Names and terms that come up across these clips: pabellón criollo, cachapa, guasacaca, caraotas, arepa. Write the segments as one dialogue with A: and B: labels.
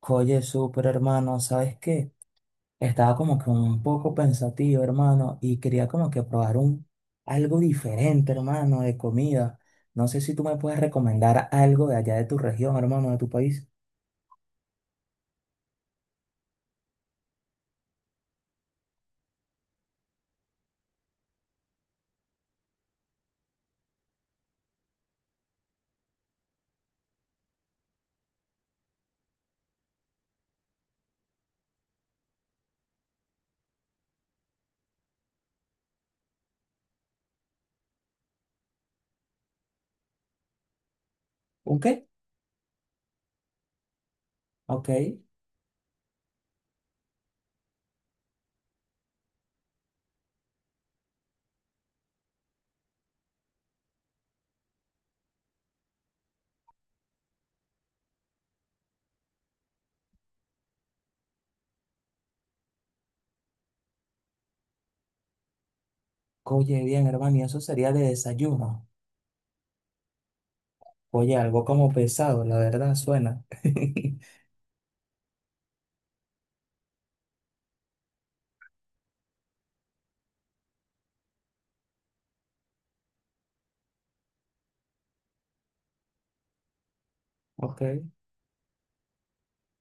A: Oye, súper hermano, ¿sabes qué? Estaba como que un poco pensativo, hermano, y quería como que probar un algo diferente, hermano, de comida. No sé si tú me puedes recomendar algo de allá de tu región, hermano, de tu país. ¿Un qué? Ok. Oye, bien, hermano, y eso sería de desayuno. Oye, algo como pesado, la verdad, suena. Ok.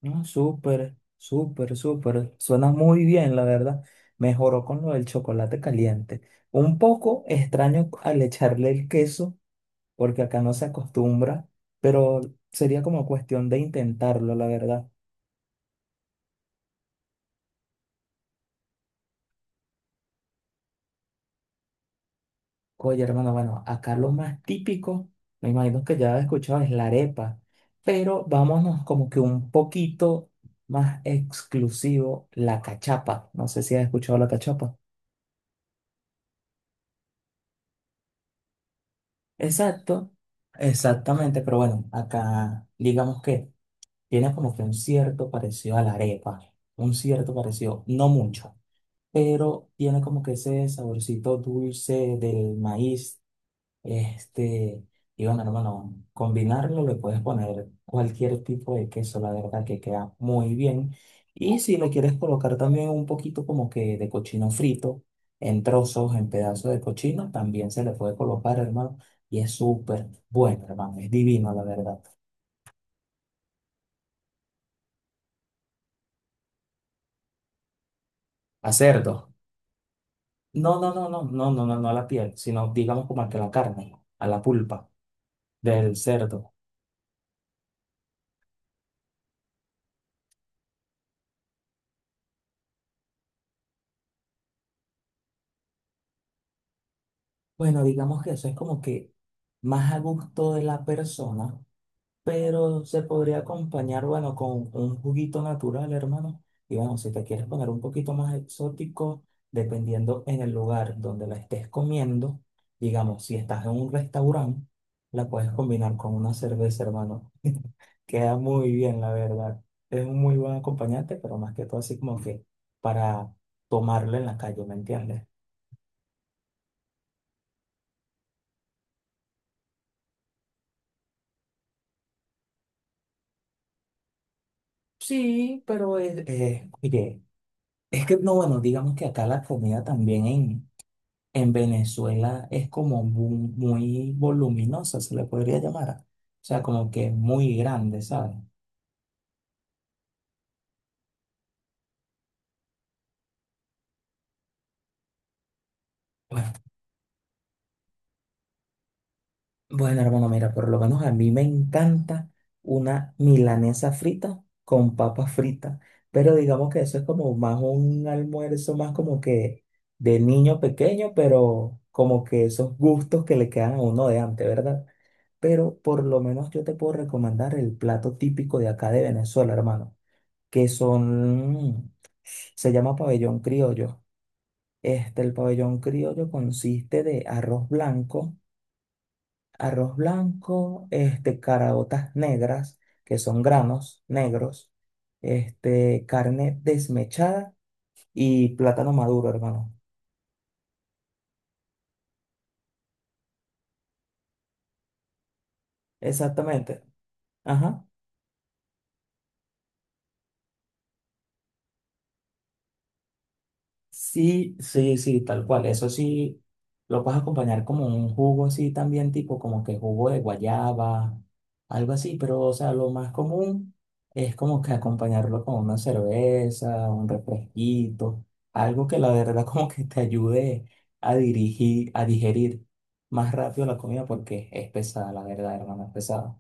A: No, súper, súper, súper. Suena muy bien, la verdad. Mejoró con lo del chocolate caliente. Un poco extraño al echarle el queso, porque acá no se acostumbra, pero sería como cuestión de intentarlo, la verdad. Oye, hermano, bueno, acá lo más típico, me imagino que ya has escuchado, es la arepa, pero vámonos como que un poquito más exclusivo, la cachapa. No sé si has escuchado la cachapa. Exacto, exactamente, pero bueno, acá digamos que tiene como que un cierto parecido a la arepa, un cierto parecido, no mucho, pero tiene como que ese saborcito dulce del maíz este, y bueno, hermano, combinarlo le puedes poner cualquier tipo de queso, la verdad que queda muy bien. Y si le quieres colocar también un poquito como que de cochino frito, en trozos, en pedazos de cochino, también se le puede colocar, hermano. Y es súper bueno, hermano, es divino, la verdad. A cerdo. No, no, no, no, no, no, no, no a la piel, sino digamos como a que a la carne, a la pulpa del cerdo. Bueno, digamos que eso es como que más a gusto de la persona, pero se podría acompañar, bueno, con un juguito natural, hermano. Y bueno, si te quieres poner un poquito más exótico, dependiendo en el lugar donde la estés comiendo, digamos, si estás en un restaurante, la puedes combinar con una cerveza, hermano. Queda muy bien, la verdad. Es un muy buen acompañante, pero más que todo así como que para tomarlo en la calle, ¿me entiendes? Sí, pero es, oye, es que no, bueno, digamos que acá la comida también en Venezuela es como muy voluminosa, se le podría llamar. O sea, como que es muy grande, ¿sabes? Bueno, bueno, hermano, mira, por lo menos a mí me encanta una milanesa frita con papas fritas, pero digamos que eso es como más un almuerzo, más como que de niño pequeño, pero como que esos gustos que le quedan a uno de antes, ¿verdad? Pero por lo menos yo te puedo recomendar el plato típico de acá de Venezuela, hermano, que son. Se llama pabellón criollo. Este, el pabellón criollo consiste de arroz blanco, este, caraotas negras, que son granos negros, este, carne desmechada y plátano maduro, hermano. Exactamente. Ajá. Sí, sí, sí, tal cual. Eso sí, lo puedes acompañar como un jugo así también, tipo como que jugo de guayaba, algo así, pero o sea, lo más común es como que acompañarlo con una cerveza, un refresquito, algo que la verdad como que te ayude a digerir más rápido la comida porque es pesada, la verdad, hermano, es pesada.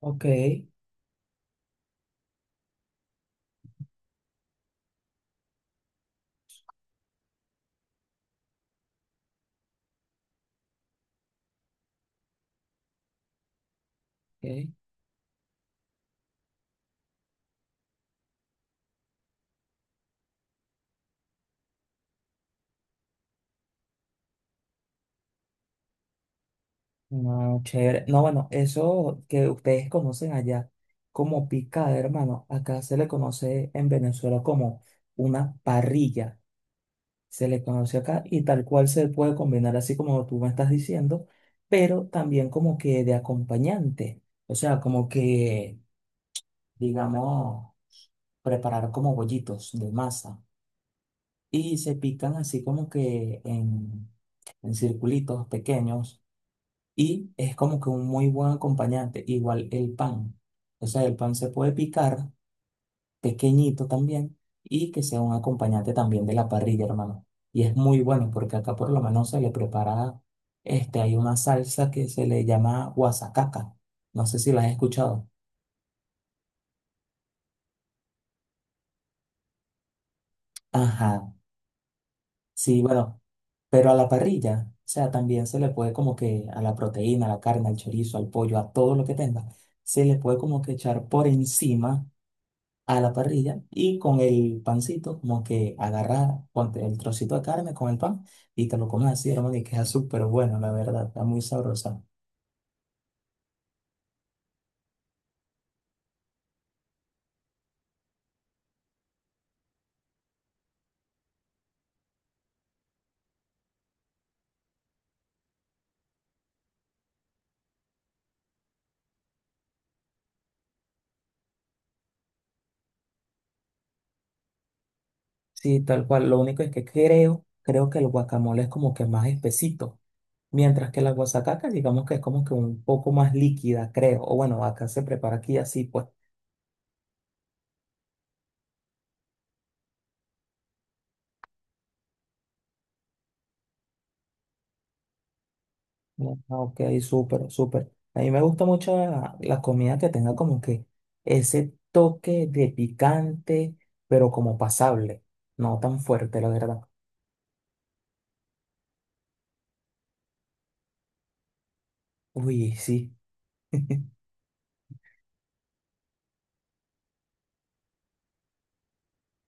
A: Ok, ok. No, chévere. No, bueno, eso que ustedes conocen allá como picada, hermano, acá se le conoce en Venezuela como una parrilla. Se le conoce acá y tal cual se puede combinar así como tú me estás diciendo, pero también como que de acompañante. O sea, como que, digamos, preparar como bollitos de masa y se pican así como que en circulitos pequeños y es como que un muy buen acompañante. Igual el pan. O sea, el pan se puede picar pequeñito también y que sea un acompañante también de la parrilla, hermano. Y es muy bueno porque acá por lo menos se le prepara, este, hay una salsa que se le llama guasacaca. No sé si la has escuchado. Ajá, sí, bueno, pero a la parrilla, o sea, también se le puede como que a la proteína, a la carne, al chorizo, al pollo, a todo lo que tenga, se le puede como que echar por encima a la parrilla y con el pancito, como que agarrar ponte el trocito de carne con el pan y te lo comes así, hermano, y queda súper bueno, la verdad, está muy sabrosa. Sí, tal cual, lo único es que creo, creo que el guacamole es como que más espesito, mientras que la guasacaca, digamos que es como que un poco más líquida, creo, o bueno, acá se prepara aquí así, pues. No, ok, súper, súper. A mí me gusta mucho la, la comida que tenga como que ese toque de picante, pero como pasable, no tan fuerte, la verdad. Uy, sí.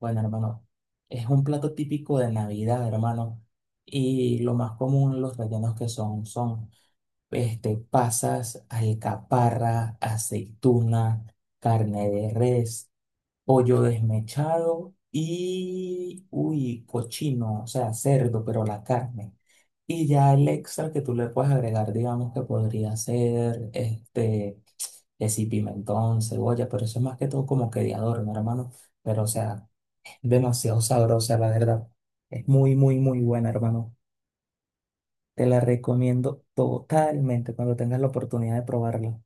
A: Bueno, hermano, es un plato típico de Navidad, hermano. Y lo más común, los rellenos que son, son este, pasas, alcaparra, aceituna, carne de res, pollo desmechado y, uy, cochino, o sea, cerdo, pero la carne. Y ya el extra que tú le puedes agregar, digamos que podría ser, este, que si pimentón, cebolla, pero eso es más que todo como que de adorno, hermano. Pero, o sea, es demasiado sabrosa, la verdad. Es muy, muy, muy buena, hermano. Te la recomiendo totalmente cuando tengas la oportunidad de probarla.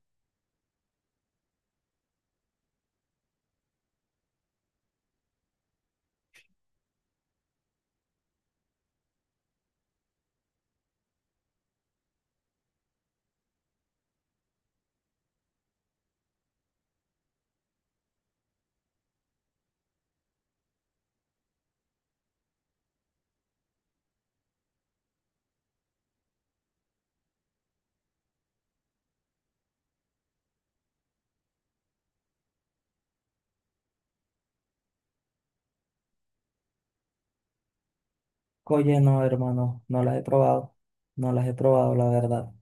A: Oye, no, hermano, no las he probado. No las he probado, la verdad.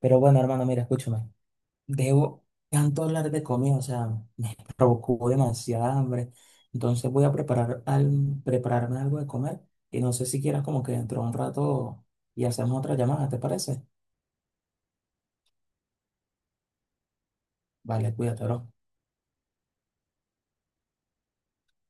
A: Pero bueno, hermano, mira, escúchame. Debo tanto hablar de comida, o sea, me provocó demasiada hambre. Entonces voy a preparar prepararme algo de comer y no sé si quieras como que dentro de un rato y hacemos otra llamada, ¿te parece? Vale, cuídate, bro.